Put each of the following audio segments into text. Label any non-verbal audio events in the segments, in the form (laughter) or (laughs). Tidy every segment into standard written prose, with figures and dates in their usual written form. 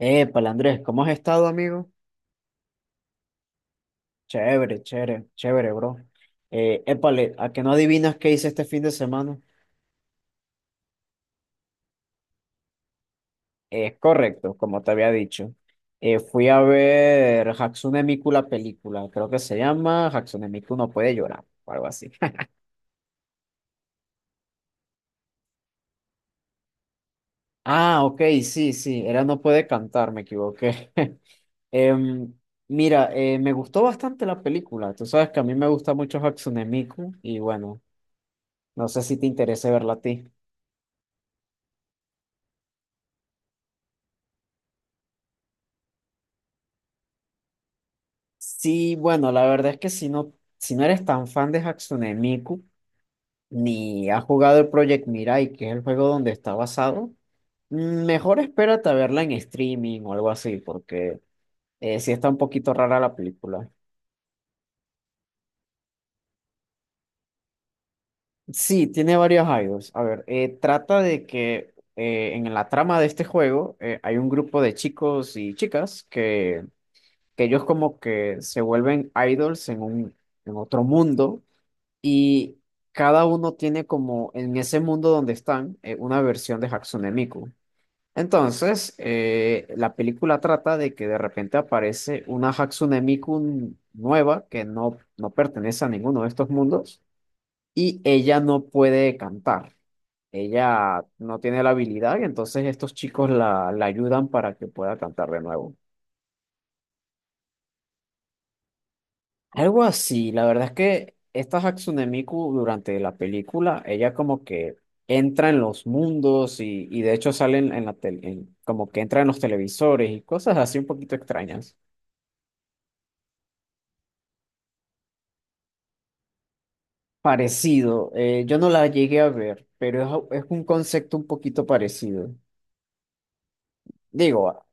Épale, Andrés, ¿cómo has estado, amigo? Chévere, chévere, chévere, bro. Épale, ¿a que no adivinas qué hice este fin de semana? Es correcto, como te había dicho. Fui a ver Hatsune Miku la película, creo que se llama Hatsune Miku no puede llorar, o algo así. (laughs) Ah, ok, sí, sí, era no puede cantar, me equivoqué. (laughs) Em, mira, me gustó bastante la película, tú sabes que a mí me gusta mucho Hatsune Miku y bueno, no sé si te interesa verla a ti. Sí, bueno, la verdad es que si no eres tan fan de Hatsune Miku, ni has jugado el Project Mirai, que es el juego donde está basado, mejor espérate a verla en streaming o algo así, porque sí está un poquito rara la película. Sí, tiene varios idols. A ver, trata de que en la trama de este juego hay un grupo de chicos y chicas que ellos como que se vuelven idols en otro mundo. Y cada uno tiene como en ese mundo donde están, una versión de Hatsune Miku. Entonces, la película trata de que de repente aparece una Hatsune Miku nueva que no, no pertenece a ninguno de estos mundos y ella no puede cantar. Ella no tiene la habilidad y entonces estos chicos la ayudan para que pueda cantar de nuevo. Algo así, la verdad es que esta Hatsune Miku durante la película, ella como que entra en los mundos y de hecho sale en la tele, como que entra en los televisores y cosas así un poquito extrañas. Parecido, yo no la llegué a ver, pero es un concepto un poquito parecido. Digo, ah,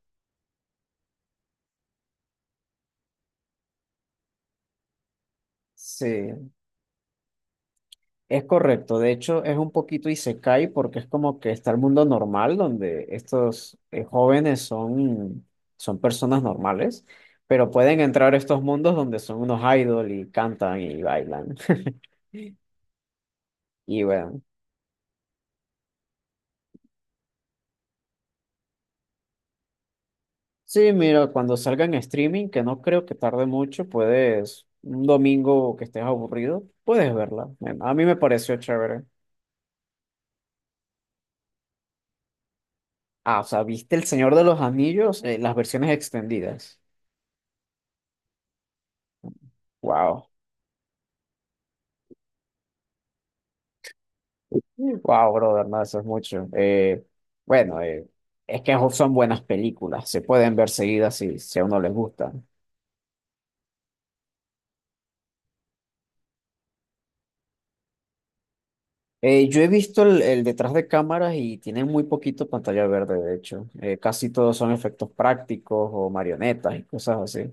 sí. Es correcto, de hecho es un poquito isekai porque es como que está el mundo normal donde estos jóvenes son, son personas normales, pero pueden entrar a estos mundos donde son unos idol y cantan y bailan. (laughs) Y bueno, sí, mira, cuando salga en streaming, que no creo que tarde mucho, puedes, un domingo que estés aburrido, puedes verla. Bueno, a mí me pareció chévere. Ah, o sea, ¿viste El Señor de los Anillos? Las versiones extendidas. Wow. Wow, brother, no, eso es mucho. Bueno, eh, es que son buenas películas, se pueden ver seguidas si, si a uno les gusta. Yo he visto el detrás de cámaras y tienen muy poquito pantalla verde, de hecho. Casi todos son efectos prácticos o marionetas y cosas así.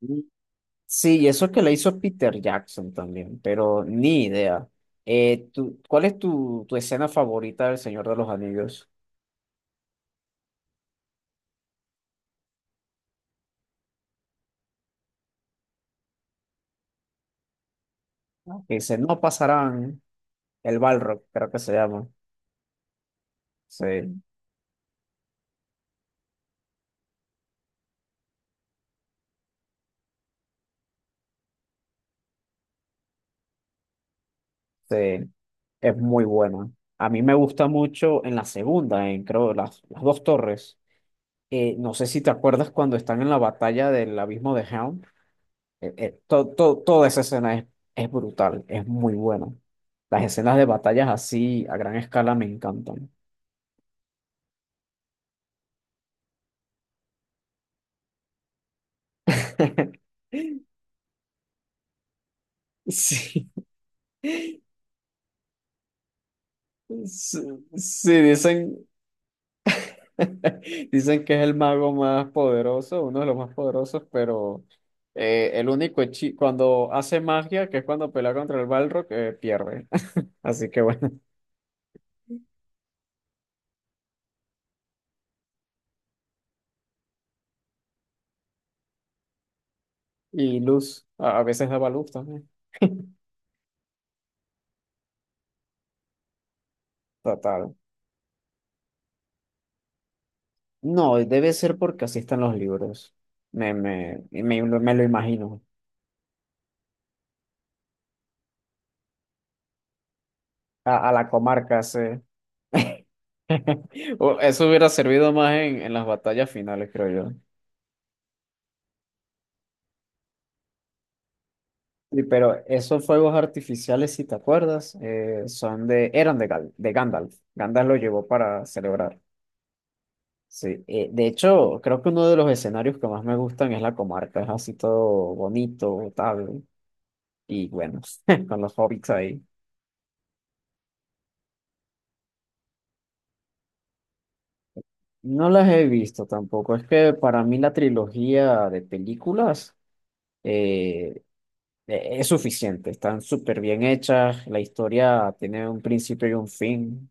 Mm. Sí, y eso que le hizo Peter Jackson también, pero ni idea. ¿Cuál es tu escena favorita del Señor de los Anillos? Que dice, no pasarán. El Balrog, creo que se llama. Sí. Sí, es muy buena. A mí me gusta mucho en la segunda, en creo las dos torres. No sé si te acuerdas cuando están en la batalla del abismo de Helm. Toda esa escena es brutal, es muy buena. Las escenas de batallas así a gran escala me encantan. (laughs) Sí, sí, sí, dicen. (laughs) Dicen que es el mago más poderoso, uno de los más poderosos, pero cuando hace magia, que es cuando pelea contra el Balrog, pierde. (laughs) Así que bueno. Y luz, a veces daba luz también. Total. No, debe ser porque así están los libros. Me lo imagino. A la comarca, sí. (laughs) O eso hubiera servido más en las batallas finales, creo. Sí, pero esos fuegos artificiales, si te acuerdas, eran de, de Gandalf. Gandalf lo llevó para celebrar. Sí, de hecho, creo que uno de los escenarios que más me gustan es la comarca. Es así todo bonito, tal. Y bueno, (laughs) con los hobbits ahí. No las he visto tampoco. Es que para mí la trilogía de películas eh, es suficiente. Están súper bien hechas. La historia tiene un principio y un fin.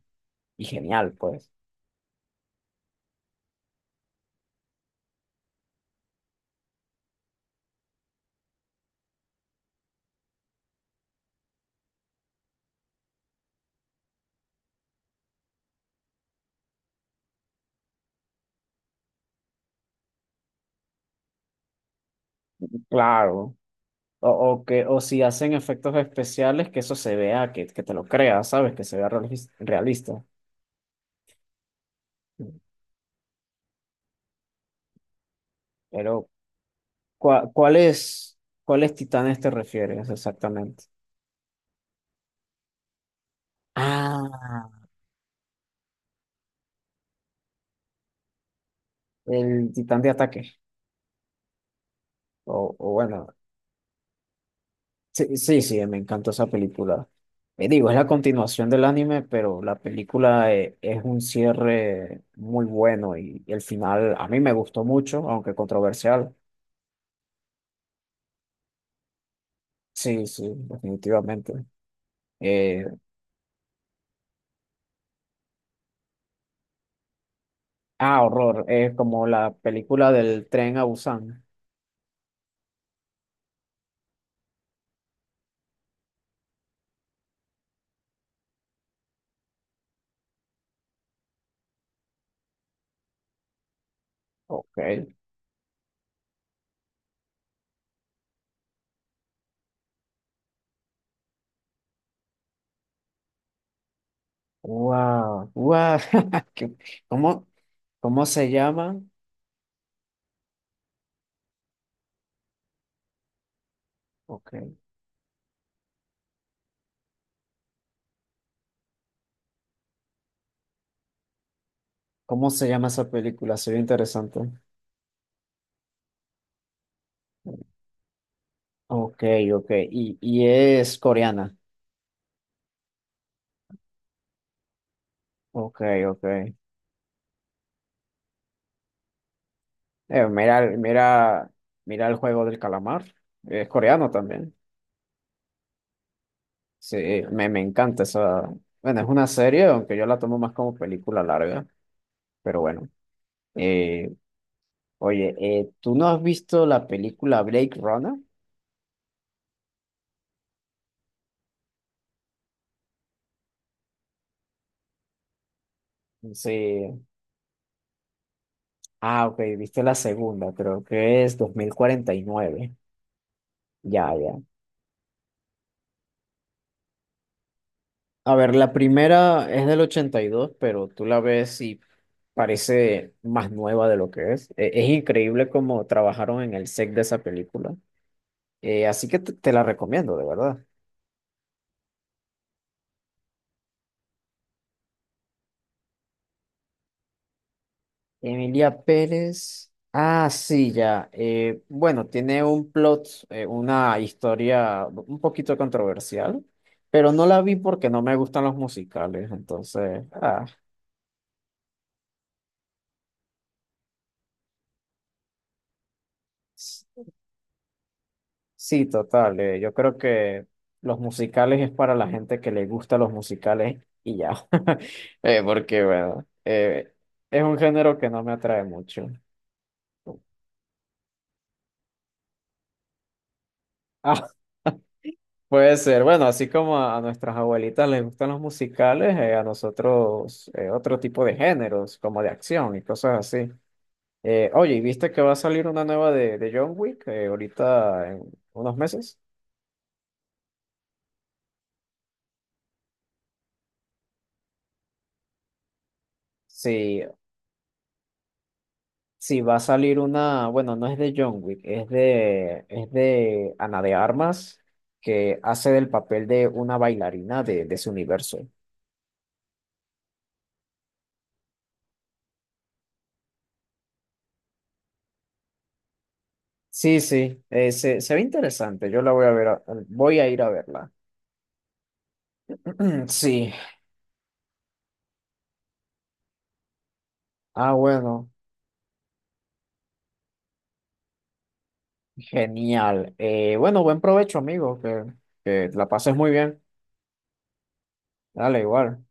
Y genial, pues. Claro. O si hacen efectos especiales, que eso se vea, que te lo creas, ¿sabes? Que se vea realista. Pero, ¿cuá- ¿cuáles, ¿cuáles titanes te refieres exactamente? Ah, el titán de ataque. O, o bueno, sí, sí, sí, me encantó esa película. Digo, es la continuación del anime, pero la película es un cierre muy bueno y el final a mí me gustó mucho, aunque controversial. Sí, sí, definitivamente. Eh. Ah, horror. Es como la película del tren a Busan. Ok. Wow. Wow. (laughs) ¿Qué- ¿Cómo, cómo se llama? Ok. ¿Cómo se llama esa película? Se ve interesante. Ok, ok. Y es coreana. Ok, ok. Eh, mira, mira, mira el juego del calamar. Es coreano también. Sí, me encanta esa. Bueno, es una serie, aunque yo la tomo más como película larga, pero bueno. Oye, ¿tú no has visto la película Blade Runner? Sí. Ah, ok, viste la segunda, creo que es 2049. Ya, ya. A ver, la primera es del 82, pero tú la ves y parece más nueva de lo que es. Es increíble cómo trabajaron en el set de esa película. Así que te la recomiendo, de verdad. Emilia Pérez. Ah, sí, ya. Bueno, tiene un plot, una historia un poquito controversial, pero no la vi porque no me gustan los musicales. Entonces, ah, s- sí, total. Yo creo que los musicales es para la gente que le gusta los musicales y ya. (laughs) Eh, porque, bueno, eh, es un género que no me atrae mucho. (laughs) Puede ser, bueno, así como a nuestras abuelitas les gustan los musicales, a nosotros otro tipo de géneros, como de acción y cosas así. Oye, ¿y viste que va a salir una nueva de John Wick ahorita en unos meses? Sí, sí, va a salir una, bueno, no es de John Wick, es de Ana de Armas, que hace del papel de una bailarina de su universo. Sí, sí, se ve interesante, yo la voy a ver, voy a ir a verla. (clears throat) Sí. Ah, bueno, genial. Bueno, buen provecho, amigo, que la pases muy bien. Dale, igual.